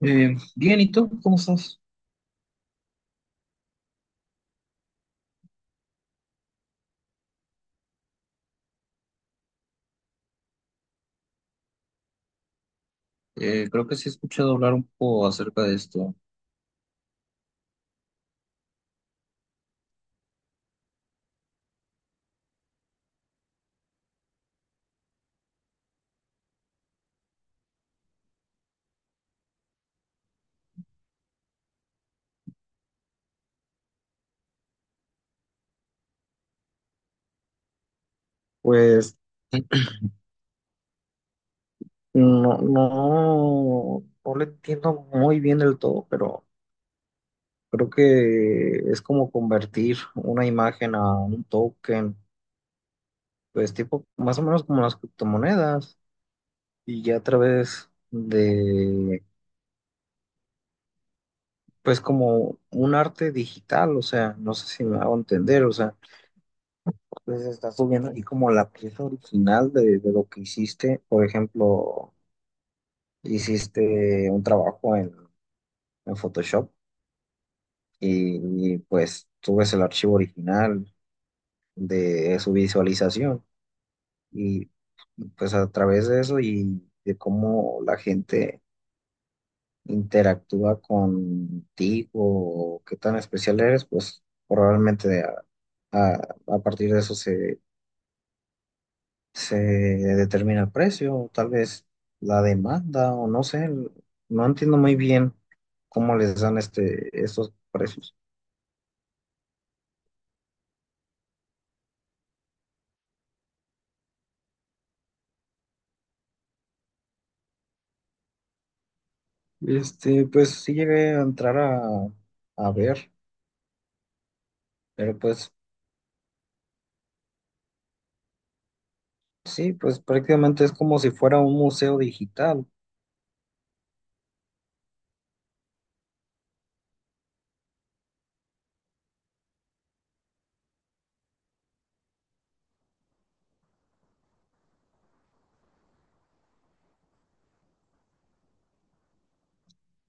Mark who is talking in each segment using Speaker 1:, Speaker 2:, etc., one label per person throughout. Speaker 1: Bien, ¿y tú? ¿Cómo estás? Creo que sí he escuchado hablar un poco acerca de esto. Pues no, no, no lo entiendo muy bien del todo, pero creo que es como convertir una imagen a un token, pues tipo más o menos como las criptomonedas y ya a través de, pues como un arte digital, o sea, no sé si me hago entender, o sea, pues estás subiendo ahí como la pieza original de lo que hiciste, por ejemplo. Hiciste un trabajo en Photoshop y, pues subes el archivo original de su visualización y pues a través de eso y de cómo la gente interactúa contigo o qué tan especial eres, pues probablemente a partir de eso se determina el precio, o tal vez la demanda o no sé, no entiendo muy bien cómo les dan estos precios. Pues sí llegué a entrar a ver, pero pues sí, pues prácticamente es como si fuera un museo digital.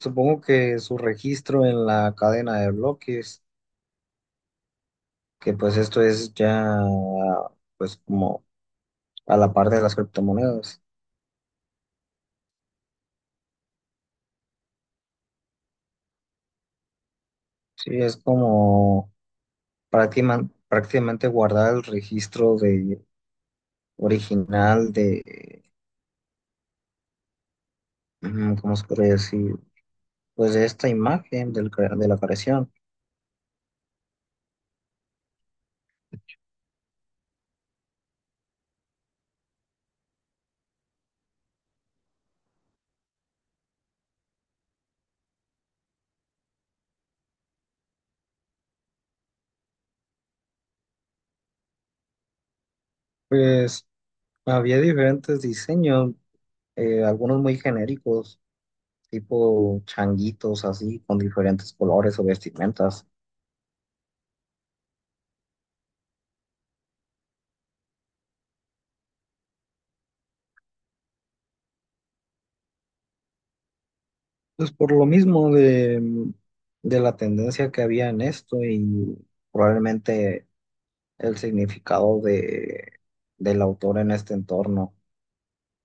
Speaker 1: Supongo que su registro en la cadena de bloques, que pues esto es ya pues como a la par de las criptomonedas. Sí, es como prácticamente guardar el registro de original de, ¿cómo se puede decir? Pues de esta imagen de la creación. Pues había diferentes diseños, algunos muy genéricos, tipo changuitos así, con diferentes colores o vestimentas. Pues por lo mismo de la tendencia que había en esto y probablemente el significado del autor en este entorno.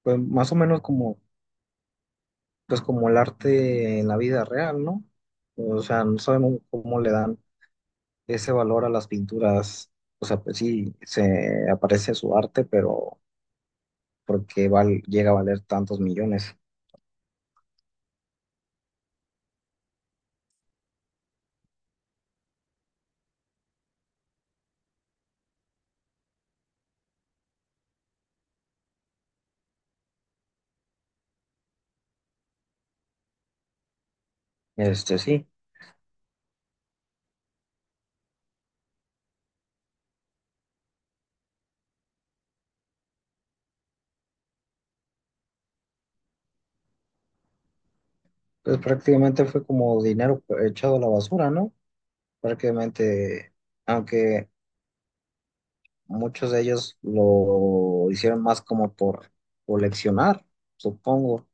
Speaker 1: Pues más o menos como, pues como el arte en la vida real, ¿no? O sea, no sabemos cómo le dan ese valor a las pinturas. O sea, pues sí, se aparece su arte, pero porque llega a valer tantos millones. Sí, pues prácticamente fue como dinero echado a la basura, ¿no? Prácticamente, aunque muchos de ellos lo hicieron más como por coleccionar, supongo.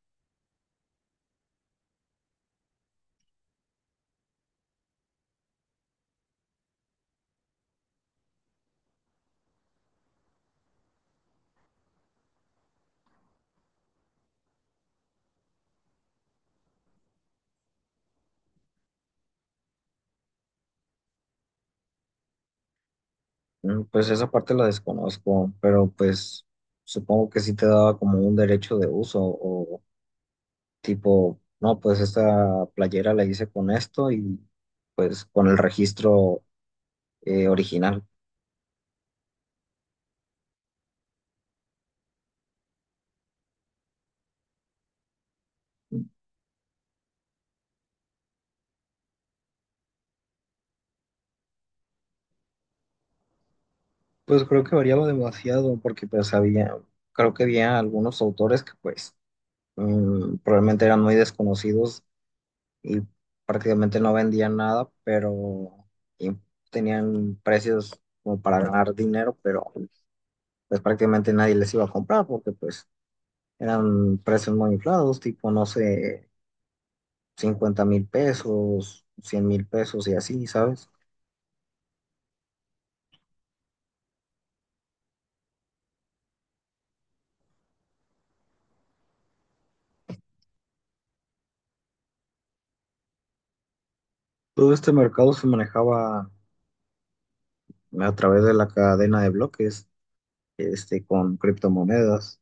Speaker 1: Pues esa parte la desconozco, pero pues supongo que sí te daba como un derecho de uso o tipo, no, pues esta playera la hice con esto y pues con el registro, original. Pues creo que variaba demasiado porque pues había, creo que había algunos autores que pues, probablemente eran muy desconocidos y prácticamente no vendían nada, pero y tenían precios como para ganar dinero, pero pues prácticamente nadie les iba a comprar porque pues eran precios muy inflados, tipo no sé, 50,000 pesos, 100,000 pesos y así, ¿sabes? Todo este mercado se manejaba a través de la cadena de bloques, con criptomonedas.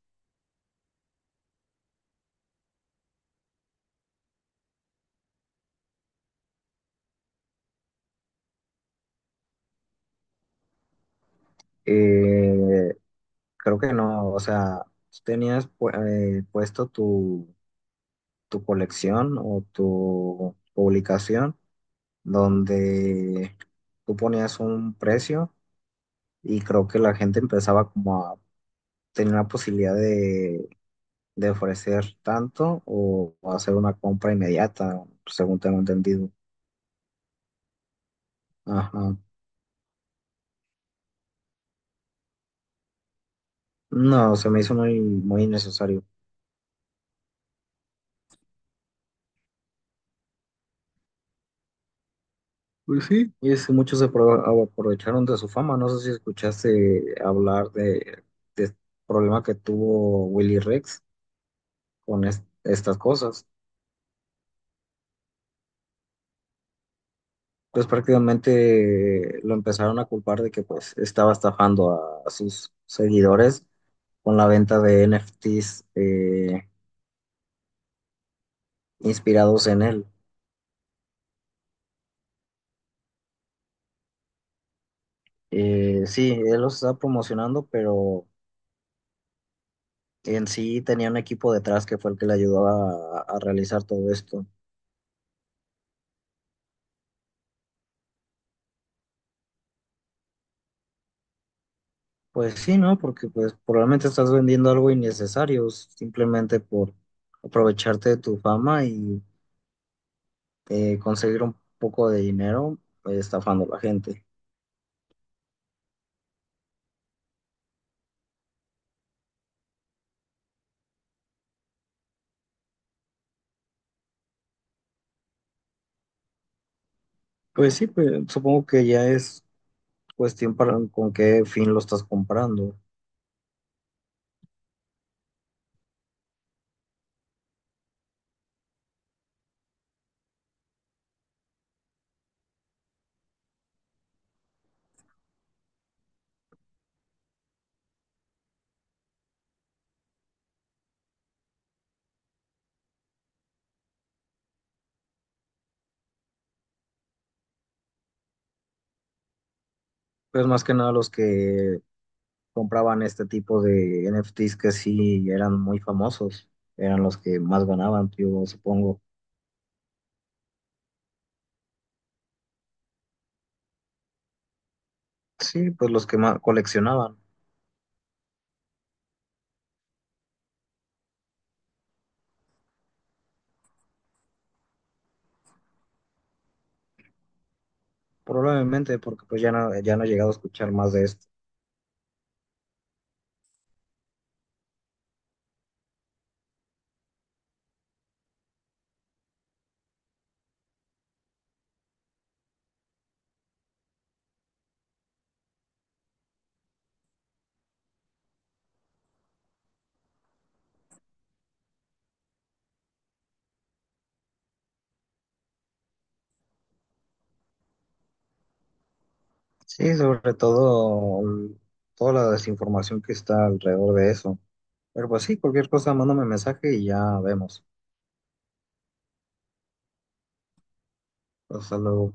Speaker 1: Eh, Creo que no, o sea, tú tenías puesto tu colección o tu publicación donde tú ponías un precio y creo que la gente empezaba como a tener la posibilidad de ofrecer tanto o hacer una compra inmediata, según tengo entendido. Ajá. No, se me hizo muy, muy innecesario. Pues sí, muchos se aprovecharon de su fama. No sé si escuchaste hablar de este problema que tuvo Willy Rex con estas cosas. Pues prácticamente lo empezaron a culpar de que pues estaba estafando a sus seguidores con la venta de NFTs, inspirados en él. Sí, él los estaba promocionando, pero en sí tenía un equipo detrás que fue el que le ayudó a realizar todo esto. Pues sí, ¿no? Porque pues probablemente estás vendiendo algo innecesario simplemente por aprovecharte de tu fama y, conseguir un poco de dinero, estafando a la gente. Pues sí, pues supongo que ya es cuestión para con qué fin lo estás comprando. Pues más que nada los que compraban este tipo de NFTs que sí eran muy famosos, eran los que más ganaban, yo supongo. Sí, pues los que más coleccionaban, probablemente, porque pues ya no he llegado a escuchar más de esto. Sí, sobre todo, toda la desinformación que está alrededor de eso. Pero pues sí, cualquier cosa, mándame mensaje y ya vemos. Hasta luego.